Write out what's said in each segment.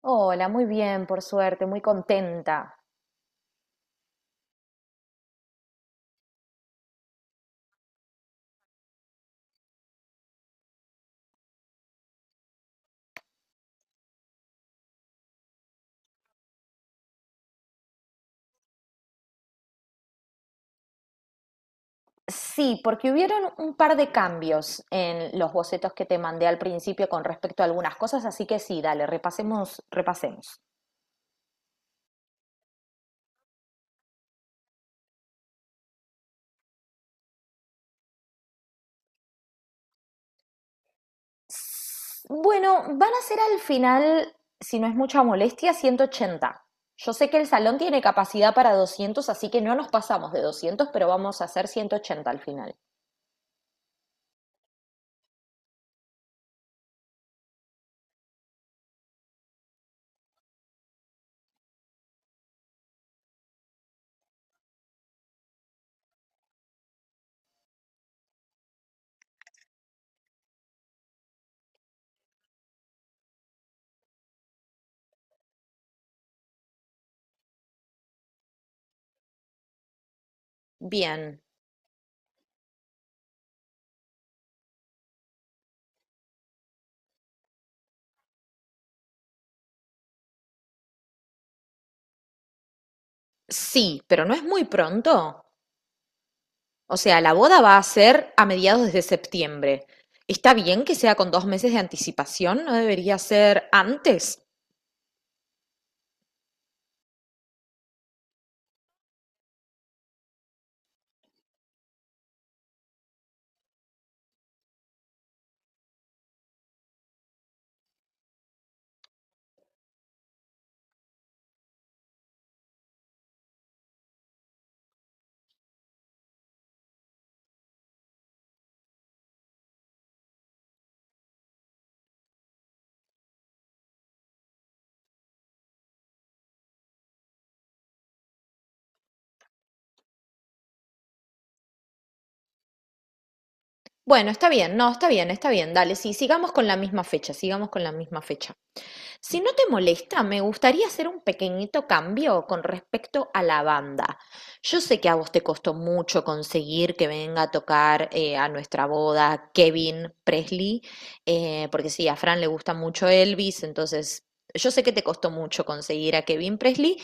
Hola, muy bien, por suerte, muy contenta. Sí, porque hubieron un par de cambios en los bocetos que te mandé al principio con respecto a algunas cosas, así que sí, dale, repasemos, repasemos. Bueno, van a ser al final, si no es mucha molestia, 180. Yo sé que el salón tiene capacidad para 200, así que no nos pasamos de 200, pero vamos a hacer 180 al final. Bien, sí, pero no es muy pronto. O sea, la boda va a ser a mediados de septiembre. ¿Está bien que sea con 2 meses de anticipación? ¿No debería ser antes? Bueno, está bien, no, está bien, dale, sí, sigamos con la misma fecha, sigamos con la misma fecha. Si no te molesta, me gustaría hacer un pequeñito cambio con respecto a la banda. Yo sé que a vos te costó mucho conseguir que venga a tocar a nuestra boda Kevin Presley, porque sí, a Fran le gusta mucho Elvis, entonces yo sé que te costó mucho conseguir a Kevin Presley,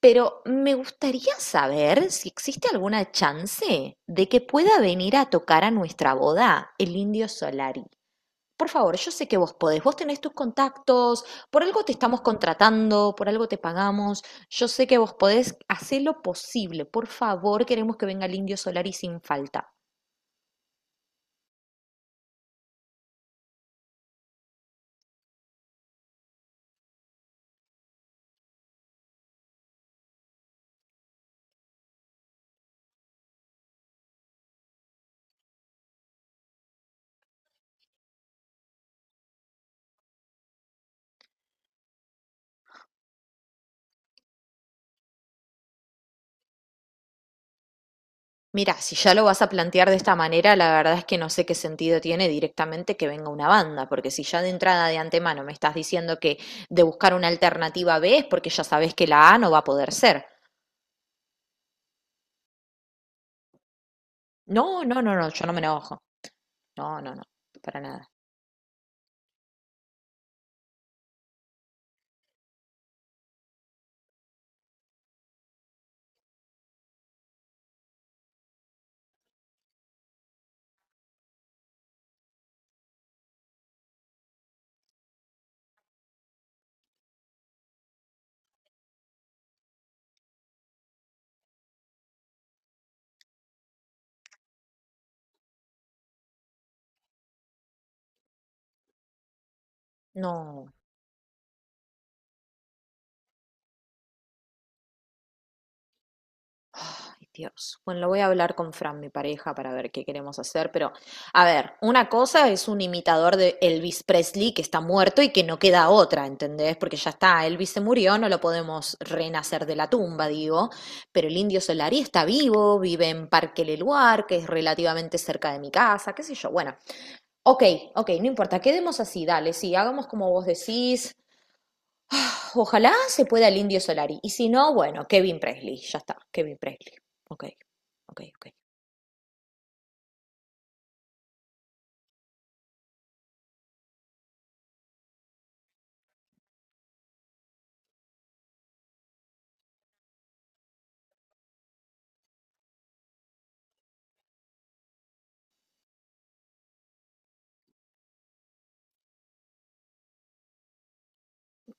pero me gustaría saber si existe alguna chance de que pueda venir a tocar a nuestra boda el Indio Solari. Por favor, yo sé que vos podés, vos tenés tus contactos, por algo te estamos contratando, por algo te pagamos, yo sé que vos podés hacer lo posible, por favor, queremos que venga el Indio Solari sin falta. Mira, si ya lo vas a plantear de esta manera, la verdad es que no sé qué sentido tiene directamente que venga una banda, porque si ya de entrada de antemano me estás diciendo que de buscar una alternativa B es porque ya sabes que la A no va a poder ser. No, no, no, no, yo no me enojo. No, no, no, para nada. No. Ay, Dios. Bueno, lo voy a hablar con Fran, mi pareja, para ver qué queremos hacer, pero a ver, una cosa es un imitador de Elvis Presley que está muerto y que no queda otra, ¿entendés? Porque ya está, Elvis se murió, no lo podemos renacer de la tumba, digo, pero el Indio Solari está vivo, vive en Parque Leluar, que es relativamente cerca de mi casa, qué sé yo. Bueno, ok, ok, no importa, quedemos así, dale, sí, hagamos como vos decís. Ojalá se pueda el Indio Solari. Y si no, bueno, Kevin Presley. Ya está, Kevin Presley. Ok, ok, ok.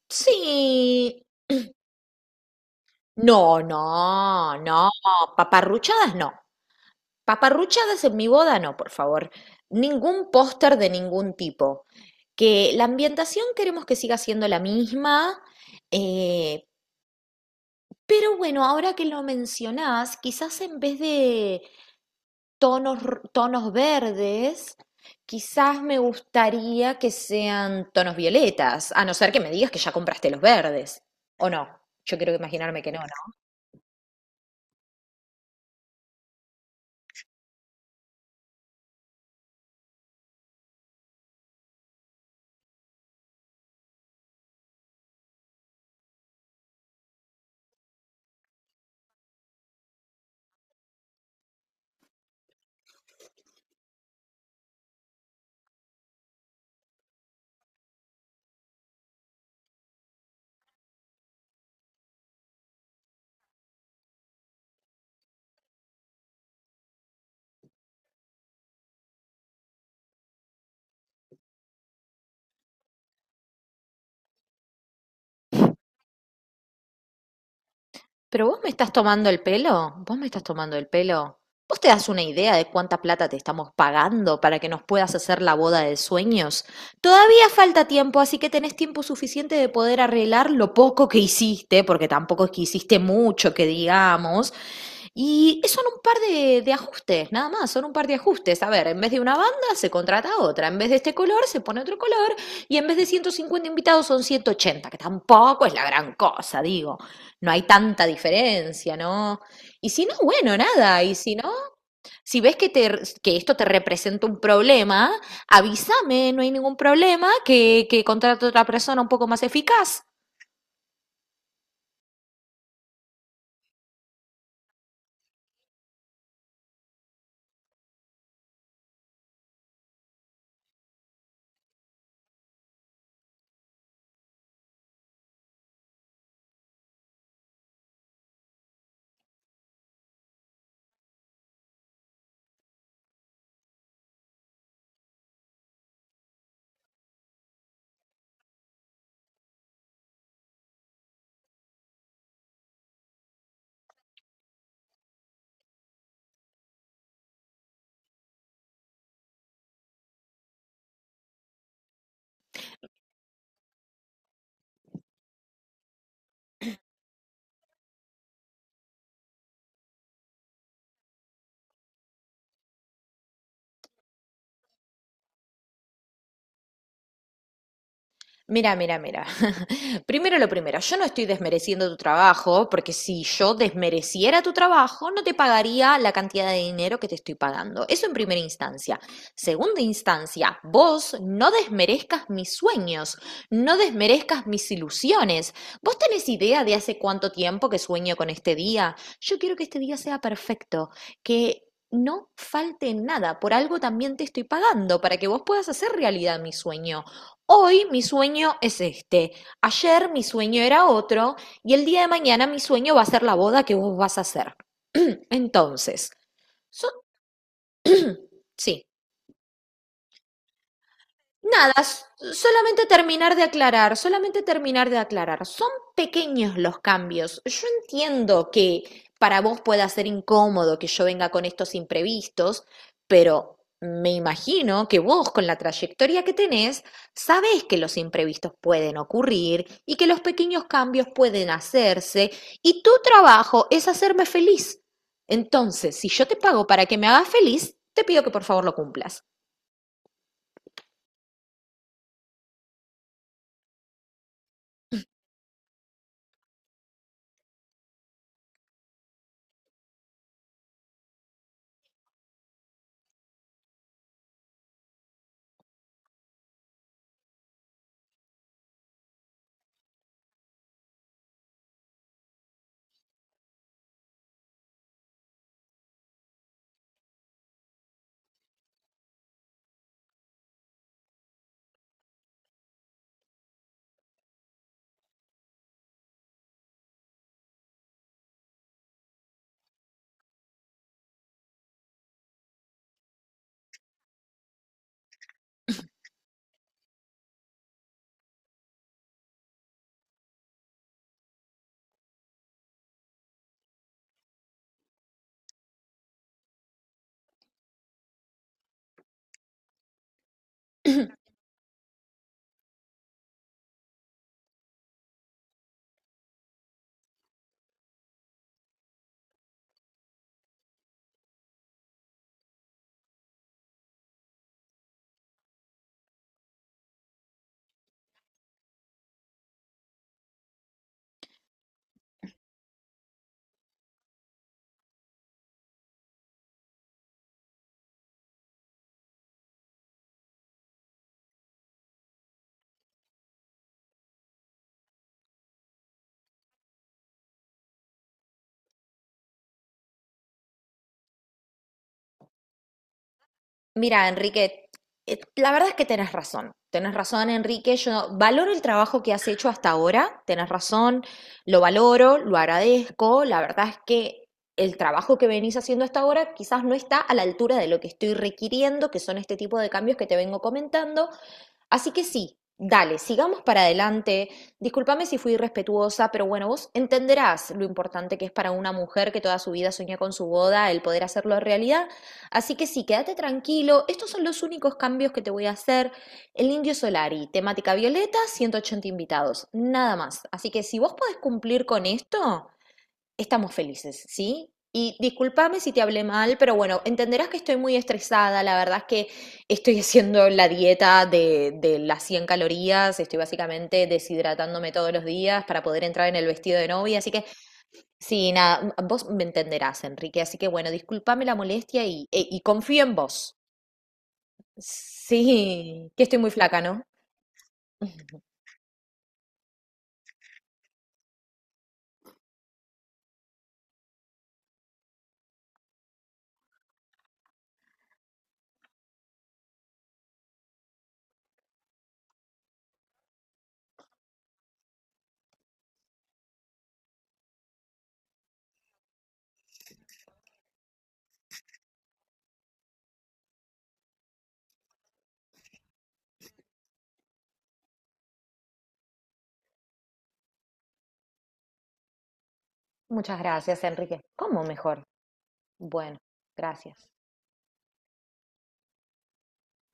Sí. No, no, no. Paparruchadas no. Paparruchadas en mi boda no, por favor. Ningún póster de ningún tipo. Que la ambientación queremos que siga siendo la misma. eh, pero bueno, ahora que lo mencionás, quizás en vez de tonos, tonos verdes, quizás me gustaría que sean tonos violetas, a no ser que me digas que ya compraste los verdes, ¿o no? Yo quiero imaginarme que no, ¿no? Pero vos me estás tomando el pelo, vos me estás tomando el pelo. ¿Vos te das una idea de cuánta plata te estamos pagando para que nos puedas hacer la boda de sueños? Todavía falta tiempo, así que tenés tiempo suficiente de poder arreglar lo poco que hiciste, porque tampoco es que hiciste mucho, que digamos, y son un par de ajustes, nada más, son un par de ajustes. A ver, en vez de una banda se contrata otra, en vez de este color se pone otro color y en vez de 150 invitados son 180 que tampoco es la gran cosa, digo, no hay tanta diferencia, ¿no? Y si no, bueno, nada, y si no, si ves que, te, que esto te representa un problema, avísame, no hay ningún problema, que contrato a otra persona un poco más eficaz. Mira, mira, mira. Primero lo primero, yo no estoy desmereciendo tu trabajo, porque si yo desmereciera tu trabajo, no te pagaría la cantidad de dinero que te estoy pagando. Eso en primera instancia. Segunda instancia, vos no desmerezcas mis sueños, no desmerezcas mis ilusiones. ¿Vos tenés idea de hace cuánto tiempo que sueño con este día? Yo quiero que este día sea perfecto, que no falte nada. Por algo también te estoy pagando, para que vos puedas hacer realidad mi sueño. Hoy mi sueño es este, ayer mi sueño era otro y el día de mañana mi sueño va a ser la boda que vos vas a hacer. Entonces, so- sí, nada, solamente terminar de aclarar, solamente terminar de aclarar. Son pequeños los cambios. Yo entiendo que para vos pueda ser incómodo que yo venga con estos imprevistos, pero me imagino que vos con la trayectoria que tenés, sabés que los imprevistos pueden ocurrir y que los pequeños cambios pueden hacerse y tu trabajo es hacerme feliz. Entonces, si yo te pago para que me hagas feliz, te pido que por favor lo cumplas. Mira, Enrique, la verdad es que tenés razón. Tenés razón, Enrique. Yo valoro el trabajo que has hecho hasta ahora. Tenés razón, lo valoro, lo agradezco. La verdad es que el trabajo que venís haciendo hasta ahora quizás no está a la altura de lo que estoy requiriendo, que son este tipo de cambios que te vengo comentando. Así que sí, dale, sigamos para adelante. Discúlpame si fui irrespetuosa, pero bueno, vos entenderás lo importante que es para una mujer que toda su vida soñó con su boda el poder hacerlo realidad. Así que sí, quédate tranquilo. Estos son los únicos cambios que te voy a hacer. El Indio Solari, temática violeta, 180 invitados, nada más. Así que si vos podés cumplir con esto, estamos felices, ¿sí? Y discúlpame si te hablé mal, pero bueno, entenderás que estoy muy estresada. La verdad es que estoy haciendo la dieta de las 100 calorías. Estoy básicamente deshidratándome todos los días para poder entrar en el vestido de novia. Así que sí, nada, vos me entenderás, Enrique, así que bueno, discúlpame la molestia y confío en vos. Sí, que estoy muy flaca, ¿no? Muchas gracias, Enrique. ¿Cómo mejor? Bueno, gracias.